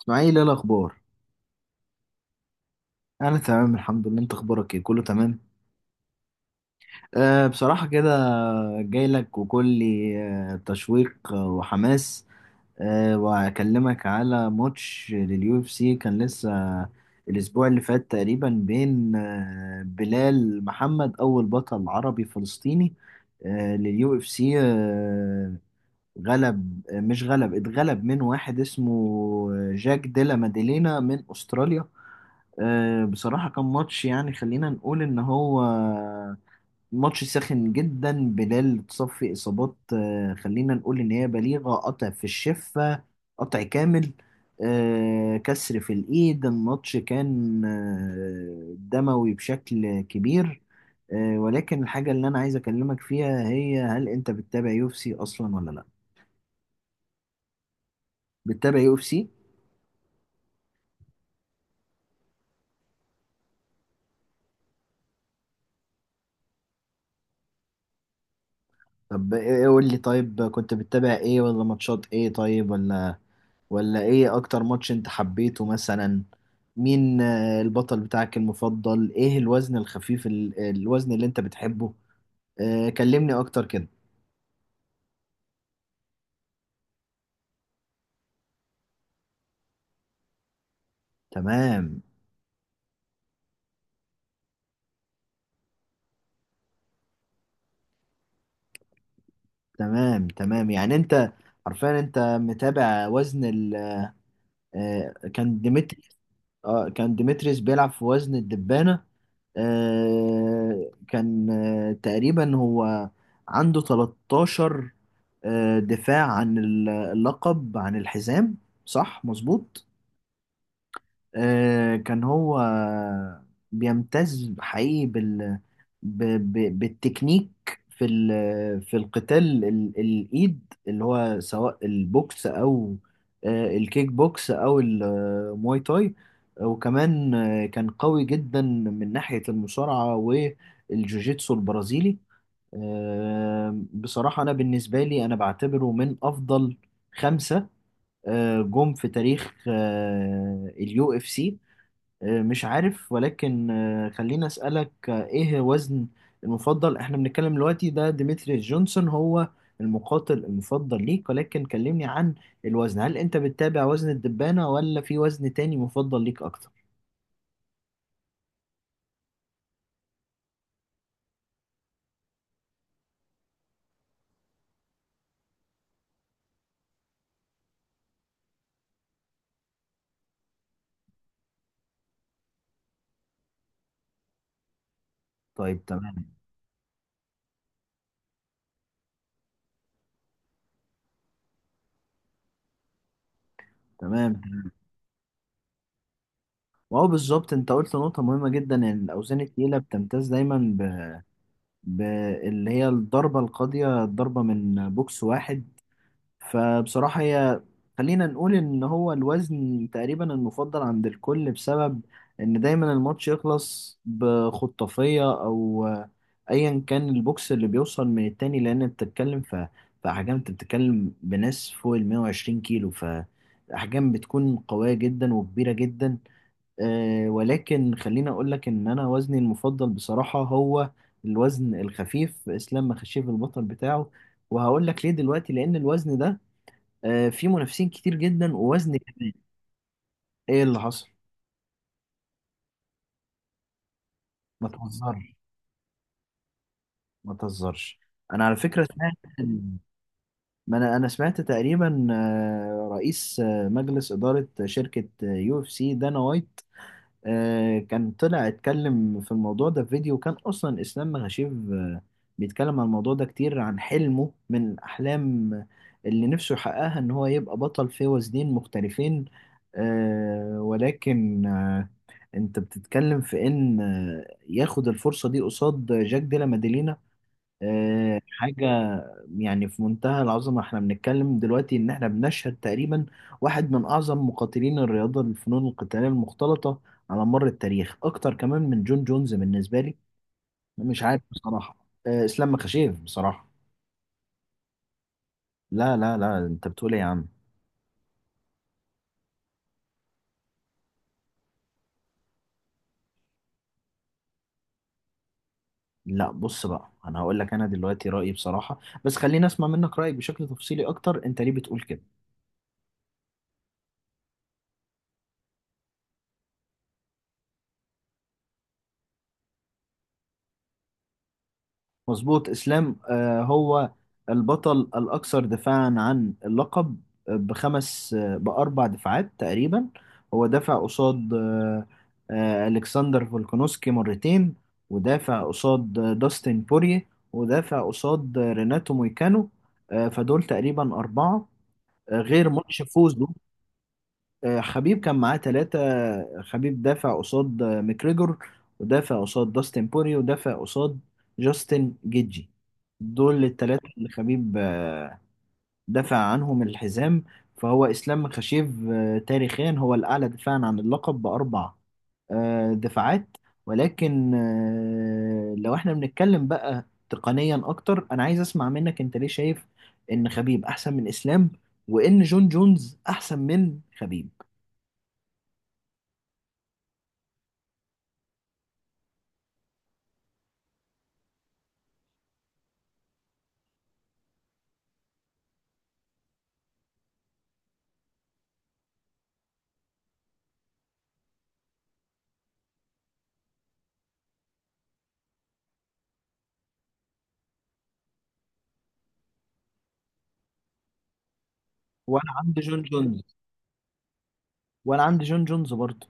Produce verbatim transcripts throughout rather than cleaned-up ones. اسماعيل، ايه الاخبار؟ انا تمام الحمد لله. انت اخبارك ايه؟ كله تمام؟ أه بصراحه كده، جاي لك وكلي، آه، تشويق، آه، وحماس. أه وهكلمك على ماتش لليو اف سي. كان لسه الاسبوع اللي فات تقريبا، بين آه، بلال محمد، اول بطل عربي فلسطيني أه لليو اف سي. أه غلب آه، مش غلب، اتغلب من واحد اسمه آه، جاك ديلا ماديلينا من استراليا. آه، بصراحة كان ماتش، يعني خلينا نقول إن هو ماتش ساخن جدا. بلال تصفي إصابات، آه، خلينا نقول إن هي بليغة. قطع في الشفة، قطع كامل، آه، كسر في الإيد. الماتش كان آه، دموي بشكل كبير. آه، ولكن الحاجة اللي أنا عايز أكلمك فيها هي، هل أنت بتتابع يو إف سي أصلا ولا لأ؟ بتتابع يو إف سي؟ طب، ايه إيه، قول لي. طيب، كنت بتتابع ايه؟ ولا ماتشات ايه؟ طيب، ولا ولا ايه اكتر ماتش انت حبيته مثلا؟ مين آه، البطل بتاعك المفضل؟ ايه الوزن الخفيف، ال- الوزن اللي انت بتحبه؟ آه، كلمني اكتر كده. تمام، تمام، تمام. يعني انت عارفين، انت متابع وزن ال آه، كان ديمتري. اه، كان ديمتريس بيلعب في وزن الدبانة. آه كان آه تقريبا هو عنده تلتاشر آه دفاع عن اللقب، عن الحزام. صح، مظبوط. آه، كان هو بيمتاز حقيقي بال ب... ب... بالتكنيك في ال... في القتال ال... الإيد، اللي هو سواء البوكس أو آه، الكيك بوكس أو المواي تاي. وكمان آه، كان قوي جدا من ناحية المصارعة والجوجيتسو البرازيلي. آه، بصراحة أنا بالنسبة لي، أنا بعتبره من أفضل خمسة آه، جم في تاريخ آه، اليو اف سي. آه، مش عارف، ولكن آه، خليني أسألك، آه، ايه وزن المفضل احنا بنتكلم دلوقتي؟ ده ديمتري جونسون هو المقاتل المفضل ليك، ولكن كلمني عن الوزن. هل انت بتتابع وزن الدبانة، ولا في وزن تاني مفضل ليك اكتر؟ طيب، تمام، تمام، تمام. وهو بالظبط انت قلت نقطة مهمة جدا، ان الاوزان التقيلة بتمتاز دايما ب... ب... اللي هي الضربة القاضية، الضربة من بوكس واحد. فبصراحة هي، خلينا نقول إن هو الوزن تقريبا المفضل عند الكل، بسبب إن دايما الماتش يخلص بخطافية أو أيا كان البوكس اللي بيوصل من التاني. لأن أنت بتتكلم في في أحجام، أنت بتتكلم بناس فوق ال 120 كيلو، فأحجام بتكون قوية جدا وكبيرة جدا. أه ولكن خليني أقول لك إن أنا وزني المفضل بصراحة هو الوزن الخفيف. إسلام مخشيف البطل بتاعه، وهقول لك ليه دلوقتي. لأن الوزن ده، آه، في منافسين كتير جدا، ووزن كمان. ايه اللي حصل؟ ما تهزرش، ما تهزرش. انا على فكره سمعت إن- ما انا انا سمعت تقريبا آه، رئيس آه، مجلس اداره شركه آه، يو اف سي، دانا وايت، آه، كان طلع اتكلم في الموضوع ده في فيديو. كان اصلا اسلام مغاشيف آه، بيتكلم عن الموضوع ده كتير، عن حلمه من احلام اللي نفسه يحققها ان هو يبقى بطل في وزنين مختلفين. آه، ولكن آه، انت بتتكلم في ان آه، ياخد الفرصة دي قصاد جاك ديلا ماديلينا. آه، حاجة يعني في منتهى العظمة. احنا بنتكلم دلوقتي ان احنا بنشهد تقريبا واحد من اعظم مقاتلين الرياضة، الفنون القتالية المختلطة، على مر التاريخ، اكتر كمان من جون جونز بالنسبة لي. مش عارف بصراحة، آه، اسلام مخاشيف بصراحة. لا، لا، لا، انت بتقول ايه يا عم؟ لا، بص بقى، انا هقول لك انا دلوقتي رأيي بصراحة، بس خليني اسمع منك رأيك بشكل تفصيلي اكتر. انت ليه بتقول كده؟ مظبوط. اسلام آه، هو البطل الاكثر دفاعا عن اللقب، آه، بخمس آه، باربع دفاعات تقريبا. هو دافع قصاد آه، آه، الكسندر فولكانوسكي مرتين، ودافع قصاد آه، داستن بوريه، ودافع قصاد آه، ريناتو مويكانو. آه، فدول تقريبا اربعه، آه، غير ماتش فوزه. آه، خبيب كان معاه ثلاثة. خبيب دافع قصاد آه، ماكريجور، ودافع قصاد داستن بوري، ودافع قصاد جاستن جيجي. دول الثلاثة اللي خبيب آه، دافع عنهم الحزام. فهو إسلام خشيف، آه، تاريخيا هو الأعلى دفاعا عن اللقب بأربع آه، دفاعات. ولكن آه، لو احنا بنتكلم بقى تقنيا أكتر، أنا عايز أسمع منك أنت ليه شايف إن خبيب أحسن من إسلام، وإن جون جونز أحسن من خبيب؟ وانا عندي جون جونز وانا عندي جون جونز برضه.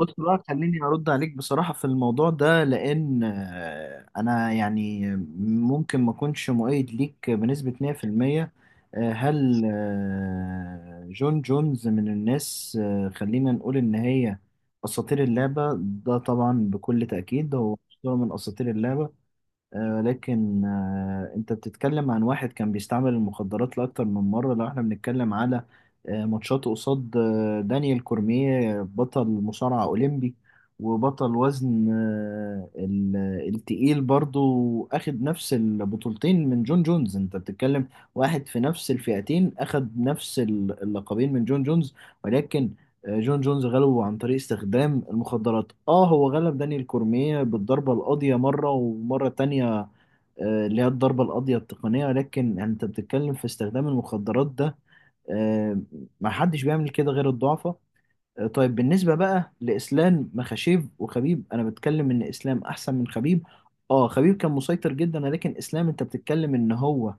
بص بقى، خليني ارد عليك بصراحة في الموضوع ده، لان آه، انا يعني ممكن ما اكونش مؤيد ليك بنسبة مية في المية. آه، هل آه، جون جونز من الناس، آه، خلينا نقول ان هي اساطير اللعبة؟ ده طبعا بكل تأكيد هو أسطورة من اساطير اللعبة. آه، ولكن آه، انت بتتكلم عن واحد كان بيستعمل المخدرات لأكتر من مرة. لو احنا بنتكلم على آه، ماتشات قصاد آه، دانيال كورميه، بطل مصارعة أولمبي وبطل وزن آه، ال- التقيل برضو، أخد نفس البطولتين من جون جونز. انت بتتكلم واحد في نفس الفئتين أخد نفس ال- اللقبين من جون جونز. ولكن جون جونز غلبه عن طريق استخدام المخدرات. اه، هو غلب دانيال كورميه بالضربة القاضية مرة ومرة تانية، آه، اللي هي الضربة القاضية التقنية. لكن يعني انت بتتكلم في استخدام المخدرات ده، آه، ما حدش بيعمل كده غير الضعفاء. آه، طيب بالنسبة بقى لإسلام مخاشيف وخبيب، أنا بتكلم إن إسلام أحسن من خبيب. اه، خبيب كان مسيطر جدا، لكن إسلام انت بتتكلم إن هو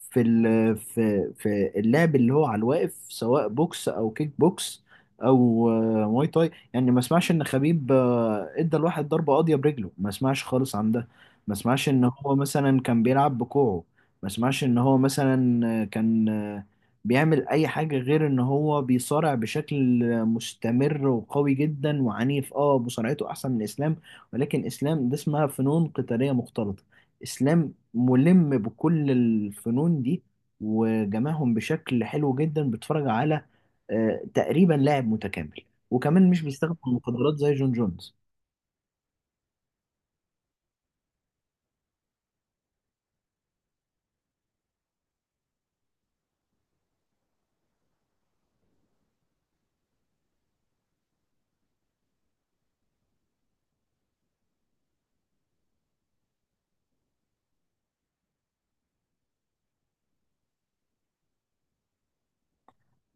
في ال- في في اللعب اللي هو على الواقف، سواء بوكس او كيك بوكس او آه، مواي تاي. يعني ما اسمعش ان خبيب آه، ادى الواحد ضربه قاضيه برجله، ما اسمعش خالص عن ده. ما اسمعش ان هو مثلا كان بيلعب بكوعه. ما اسمعش ان هو مثلا آه، كان آه، بيعمل اي حاجه غير ان هو بيصارع بشكل آه، مستمر وقوي جدا وعنيف. اه، مصارعته احسن من اسلام. ولكن اسلام ده اسمها فنون قتاليه مختلطه. اسلام ملم بكل الفنون دي، وجمعهم بشكل حلو جدا. بتفرج على آه، تقريبا لاعب متكامل، وكمان مش بيستخدم المخدرات زي جون جونز.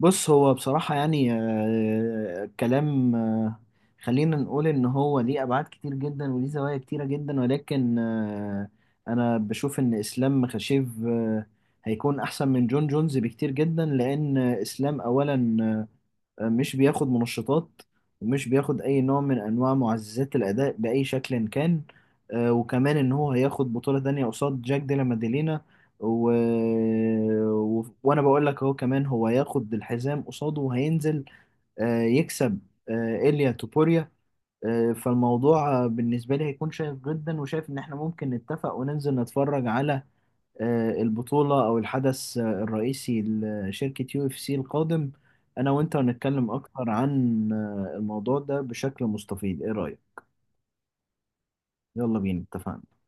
بص، هو بصراحة يعني، آه، كلام، آه، خلينا نقول إن هو ليه أبعاد كتير جدا، وليه زوايا كتيرة جدا. ولكن آه، أنا بشوف إن إسلام خشيف آه، هيكون أحسن من جون جونز بكتير جدا. لأن إسلام أولا، آه، مش بياخد منشطات، ومش بياخد أي نوع من أنواع معززات الأداء بأي شكل كان. آه، وكمان إن هو هياخد بطولة تانية قصاد جاك ديلا ماديلينا، و... و... وأنا بقول لك أهو. كمان هو هياخد الحزام قصاده، وهينزل آه، يكسب آه، إيليا توبوريا. آه، فالموضوع، آه، بالنسبة لي هيكون شيق جدا. وشايف إن إحنا ممكن نتفق، وننزل نتفرج على آه، البطولة أو الحدث آه، الرئيسي لشركة يو اف سي القادم. أنا وأنت هنتكلم أكتر عن آه، الموضوع ده بشكل مستفيض. إيه رأيك؟ يلا بينا، اتفقنا.